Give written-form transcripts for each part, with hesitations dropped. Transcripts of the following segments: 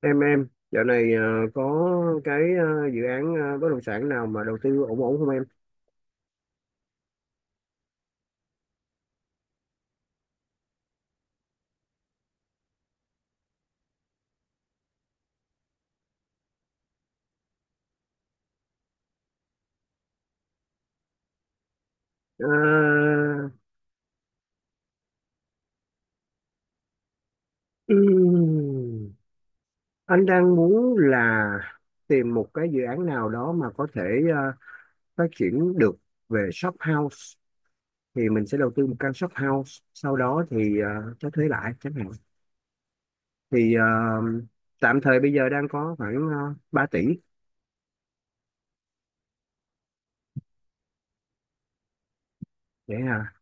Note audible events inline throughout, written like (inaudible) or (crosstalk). Em dạo này có cái dự án bất động sản nào mà đầu tư ổn ổn không em? Ờ, ừm, anh đang muốn là tìm một cái dự án nào đó mà có thể ờ, phát triển được về shop house, thì mình sẽ đầu tư một căn shop house, sau đó thì cho thuê lại chẳng hạn. Thì tạm thời bây giờ đang có khoảng 3 tỷ. Vậy à?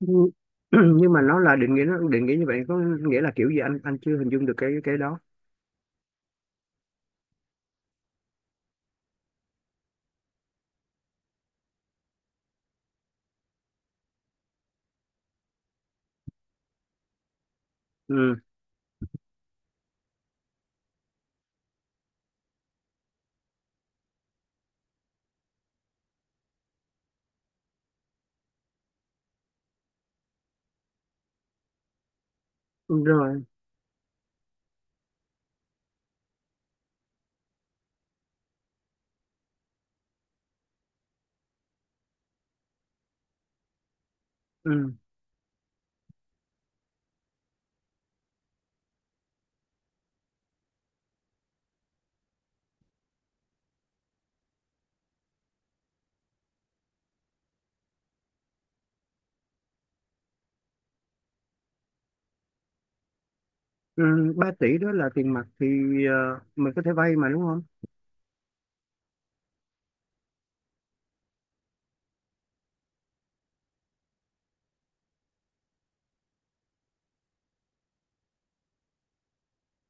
nhưng (clears throat) nhưng mà nó là định nghĩa, nó định nghĩa như vậy có nghĩa là kiểu gì? Anh chưa hình dung được cái đó. Ừ. Đúng rồi. Ừ. Ừ. 3 tỷ đó là tiền mặt thì mình có thể vay mà, đúng không?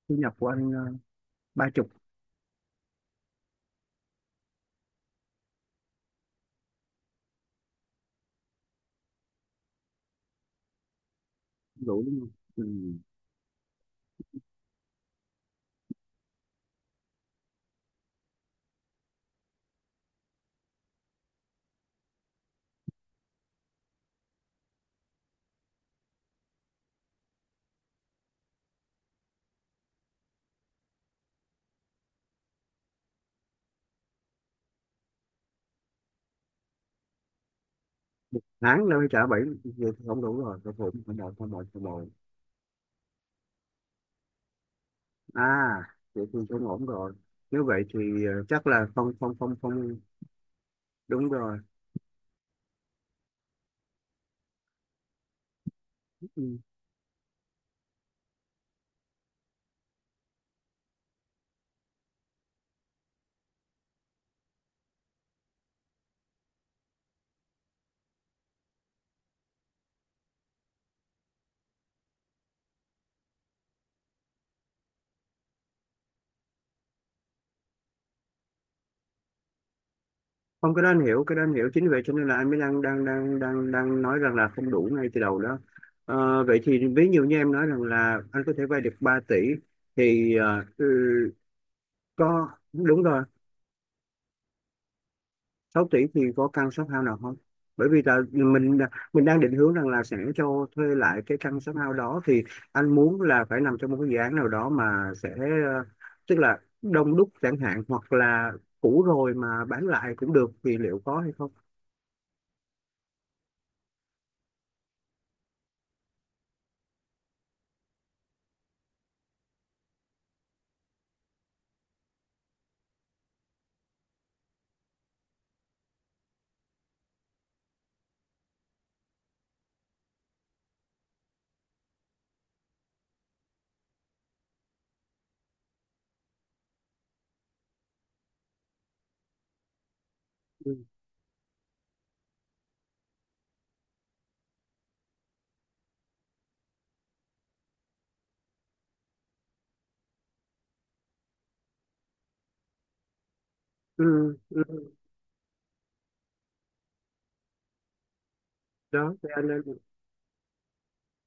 Thu nhập của anh ba chục. Đủ đúng không? Ừ. Tháng đâu trả bảy, vậy thì không đủ rồi, không ổn, không ổn, không ổn, không ổn. À, vậy thì không ổn rồi. Nếu vậy thì chắc là không, không, không, không. Đúng rồi. Ừ. Không, cái đó anh hiểu, cái đó anh hiểu, chính vì vậy cho nên là anh mới đang, đang, đang, đang, đang nói rằng là không đủ ngay từ đầu đó. Ờ, vậy thì ví dụ như em nói rằng là anh có thể vay được 3 tỷ, thì có, đúng rồi. 6 tỷ thì có căn shop house nào không? Bởi vì là mình đang định hướng rằng là sẽ cho thuê lại cái căn shop house đó, thì anh muốn là phải nằm trong một cái dự án nào đó mà sẽ ờ, tức là đông đúc chẳng hạn, hoặc là cũ rồi mà bán lại cũng được, thì liệu có hay không? Ừ. Ừ. Ừ. Đó thì anh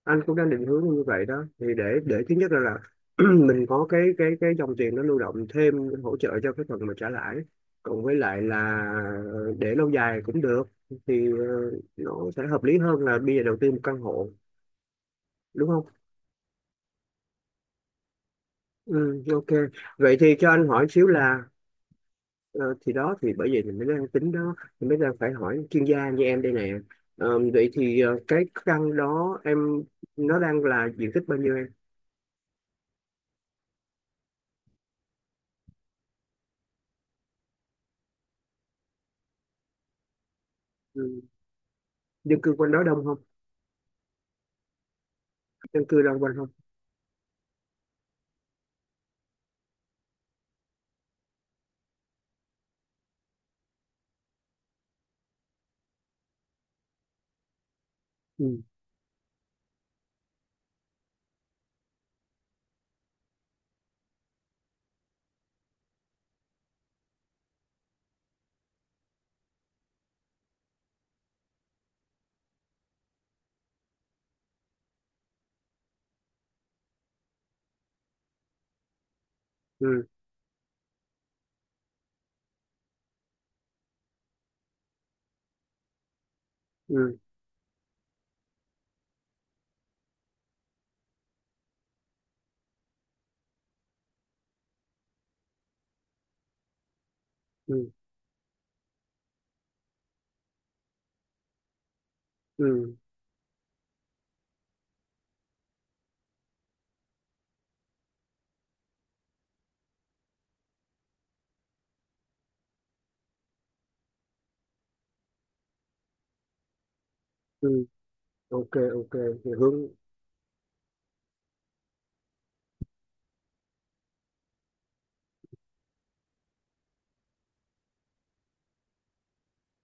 anh cũng đang định hướng như vậy đó, thì để thứ nhất là (clears throat) mình có cái cái dòng tiền nó lưu động thêm, hỗ trợ cho cái phần mà trả lãi, cộng với lại là để lâu dài cũng được. Thì nó sẽ hợp lý hơn là bây giờ đầu tư một căn hộ, đúng không? Ừ, ok. Vậy thì cho anh hỏi xíu là ờ, thì đó, thì bởi vì mình mới đang tính đó, mình mới đang phải hỏi chuyên gia như em đây nè. Ờ, vậy thì cái căn đó em, nó đang là diện tích bao nhiêu em? Ừ. Dân cư quanh đó đông không? Dân cư đông quanh không? Ừ. Ừ. Ừ. Ừ. Ừ. Ừ. Ok. Ok. Thì hướng.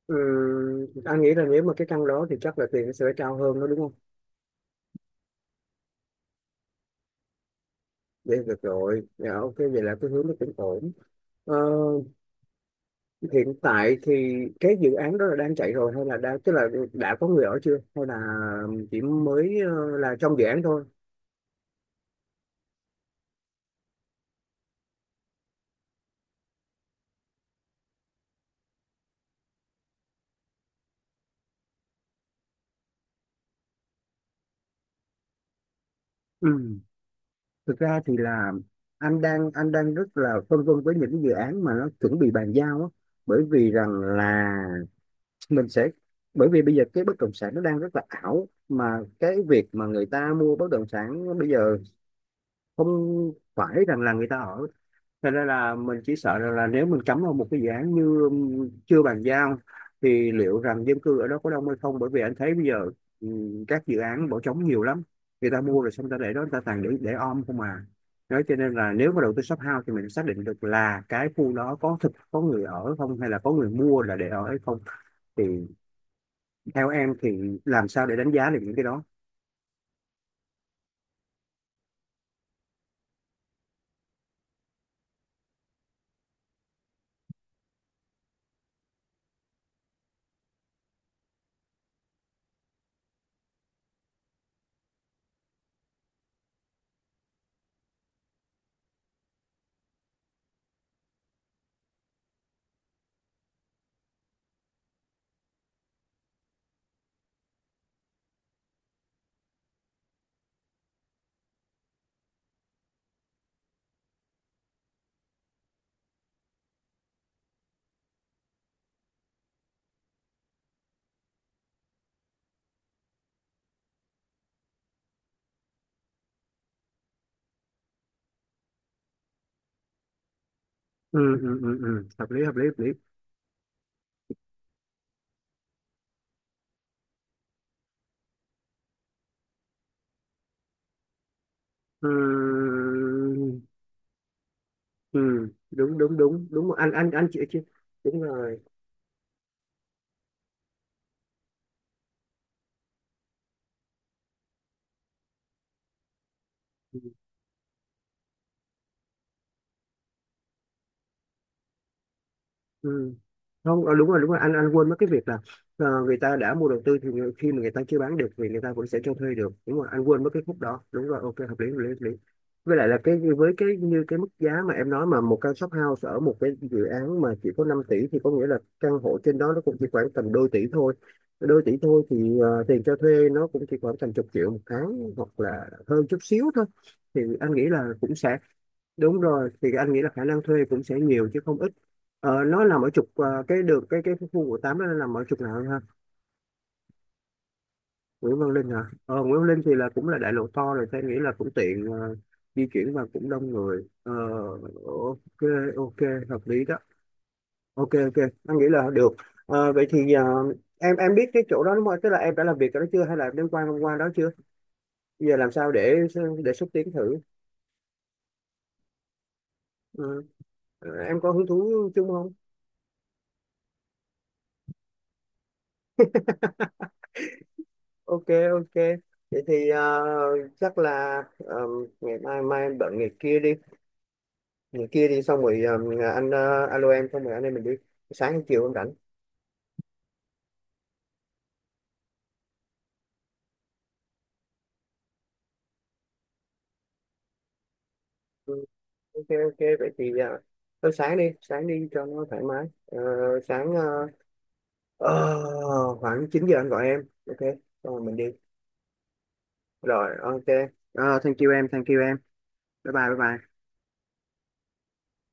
Ừ, anh nghĩ là nếu mà cái căn đó thì chắc là tiền nó sẽ cao hơn đó, đúng không? Vậy được rồi, dạ ok, vậy là cái hướng nó cũng ổn. Ờ, hiện tại thì cái dự án đó là đang chạy rồi, hay là đang, tức là đã có người ở chưa, hay là chỉ mới là trong dự án thôi? Ừ. Thực ra thì là anh đang rất là phân vân với những cái dự án mà nó chuẩn bị bàn giao á, bởi vì rằng là mình sẽ, bởi vì bây giờ cái bất động sản nó đang rất là ảo, mà cái việc mà người ta mua bất động sản bây giờ không phải rằng là người ta ở. Thật ra là mình chỉ sợ rằng là nếu mình cắm vào một cái dự án như chưa bàn giao, thì liệu rằng dân cư ở đó có đông hay không, bởi vì anh thấy bây giờ các dự án bỏ trống nhiều lắm. Người ta mua rồi xong người ta để đó, người ta toàn để om không à. Nói cho nên là nếu mà đầu tư shop house thì mình xác định được là cái khu đó có thực có người ở không, hay là có người mua là để ở hay không, thì theo em thì làm sao để đánh giá được những cái đó? Ừ, ừ, ừ, ừ. Hợp lý, hợp lý, hợp lý. Ừ, ừ, ừ. Đúng, đúng, đúng, đúng. Anh anh anh chị chị Đúng rồi. Ừ. Ừ. Không, ờ, đúng rồi, đúng rồi. Anh quên mất cái việc là người ta đã mua đầu tư thì khi mà người ta chưa bán được thì người ta vẫn sẽ cho thuê được. Đúng rồi, anh quên mất cái khúc đó. Đúng rồi, ok, hợp lý, hợp lý, hợp lý. Với lại là cái, với cái như cái mức giá mà em nói mà một căn shop house ở một cái dự án mà chỉ có 5 tỷ, thì có nghĩa là căn hộ trên đó nó cũng chỉ khoảng tầm đôi tỷ thôi. Đôi tỷ thôi thì tiền cho thuê nó cũng chỉ khoảng tầm chục triệu một tháng hoặc là hơn chút xíu thôi. Thì anh nghĩ là cũng sẽ, đúng rồi, thì anh nghĩ là khả năng thuê cũng sẽ nhiều chứ không ít. Ờ, nó nằm ở trục cái đường cái khu của tám đó, nó nằm ở trục nào ha? Nguyễn Văn Linh hả? Ờ, Nguyễn Văn Linh thì là cũng là đại lộ to rồi, tôi nghĩ là cũng tiện di chuyển và cũng đông người. Ờ, ok, ok, hợp lý đó. Ok, ok, anh nghĩ là được. Ờ, vậy thì em biết cái chỗ đó đúng không, tức là em đã làm việc ở đó chưa hay là em đến qua, qua đó chưa? Giờ làm sao để xúc tiến thử? Ừ. Ờ, em có hứng thú chung không? (laughs) Ok, ok. Vậy thì chắc là ngày mai, mai em bận, ngày kia đi. Ngày kia đi, xong rồi anh alo em, xong rồi anh em mình đi. Sáng chiều em rảnh. Ừ, ok, ok. Vậy thì thôi sáng đi, sáng đi cho nó thoải mái. Ờ, sáng ờ, khoảng 9 giờ anh gọi em, ok, xong rồi mình đi. Rồi, ok. Ờ, thank you em, thank you em. Bye bye, bye bye.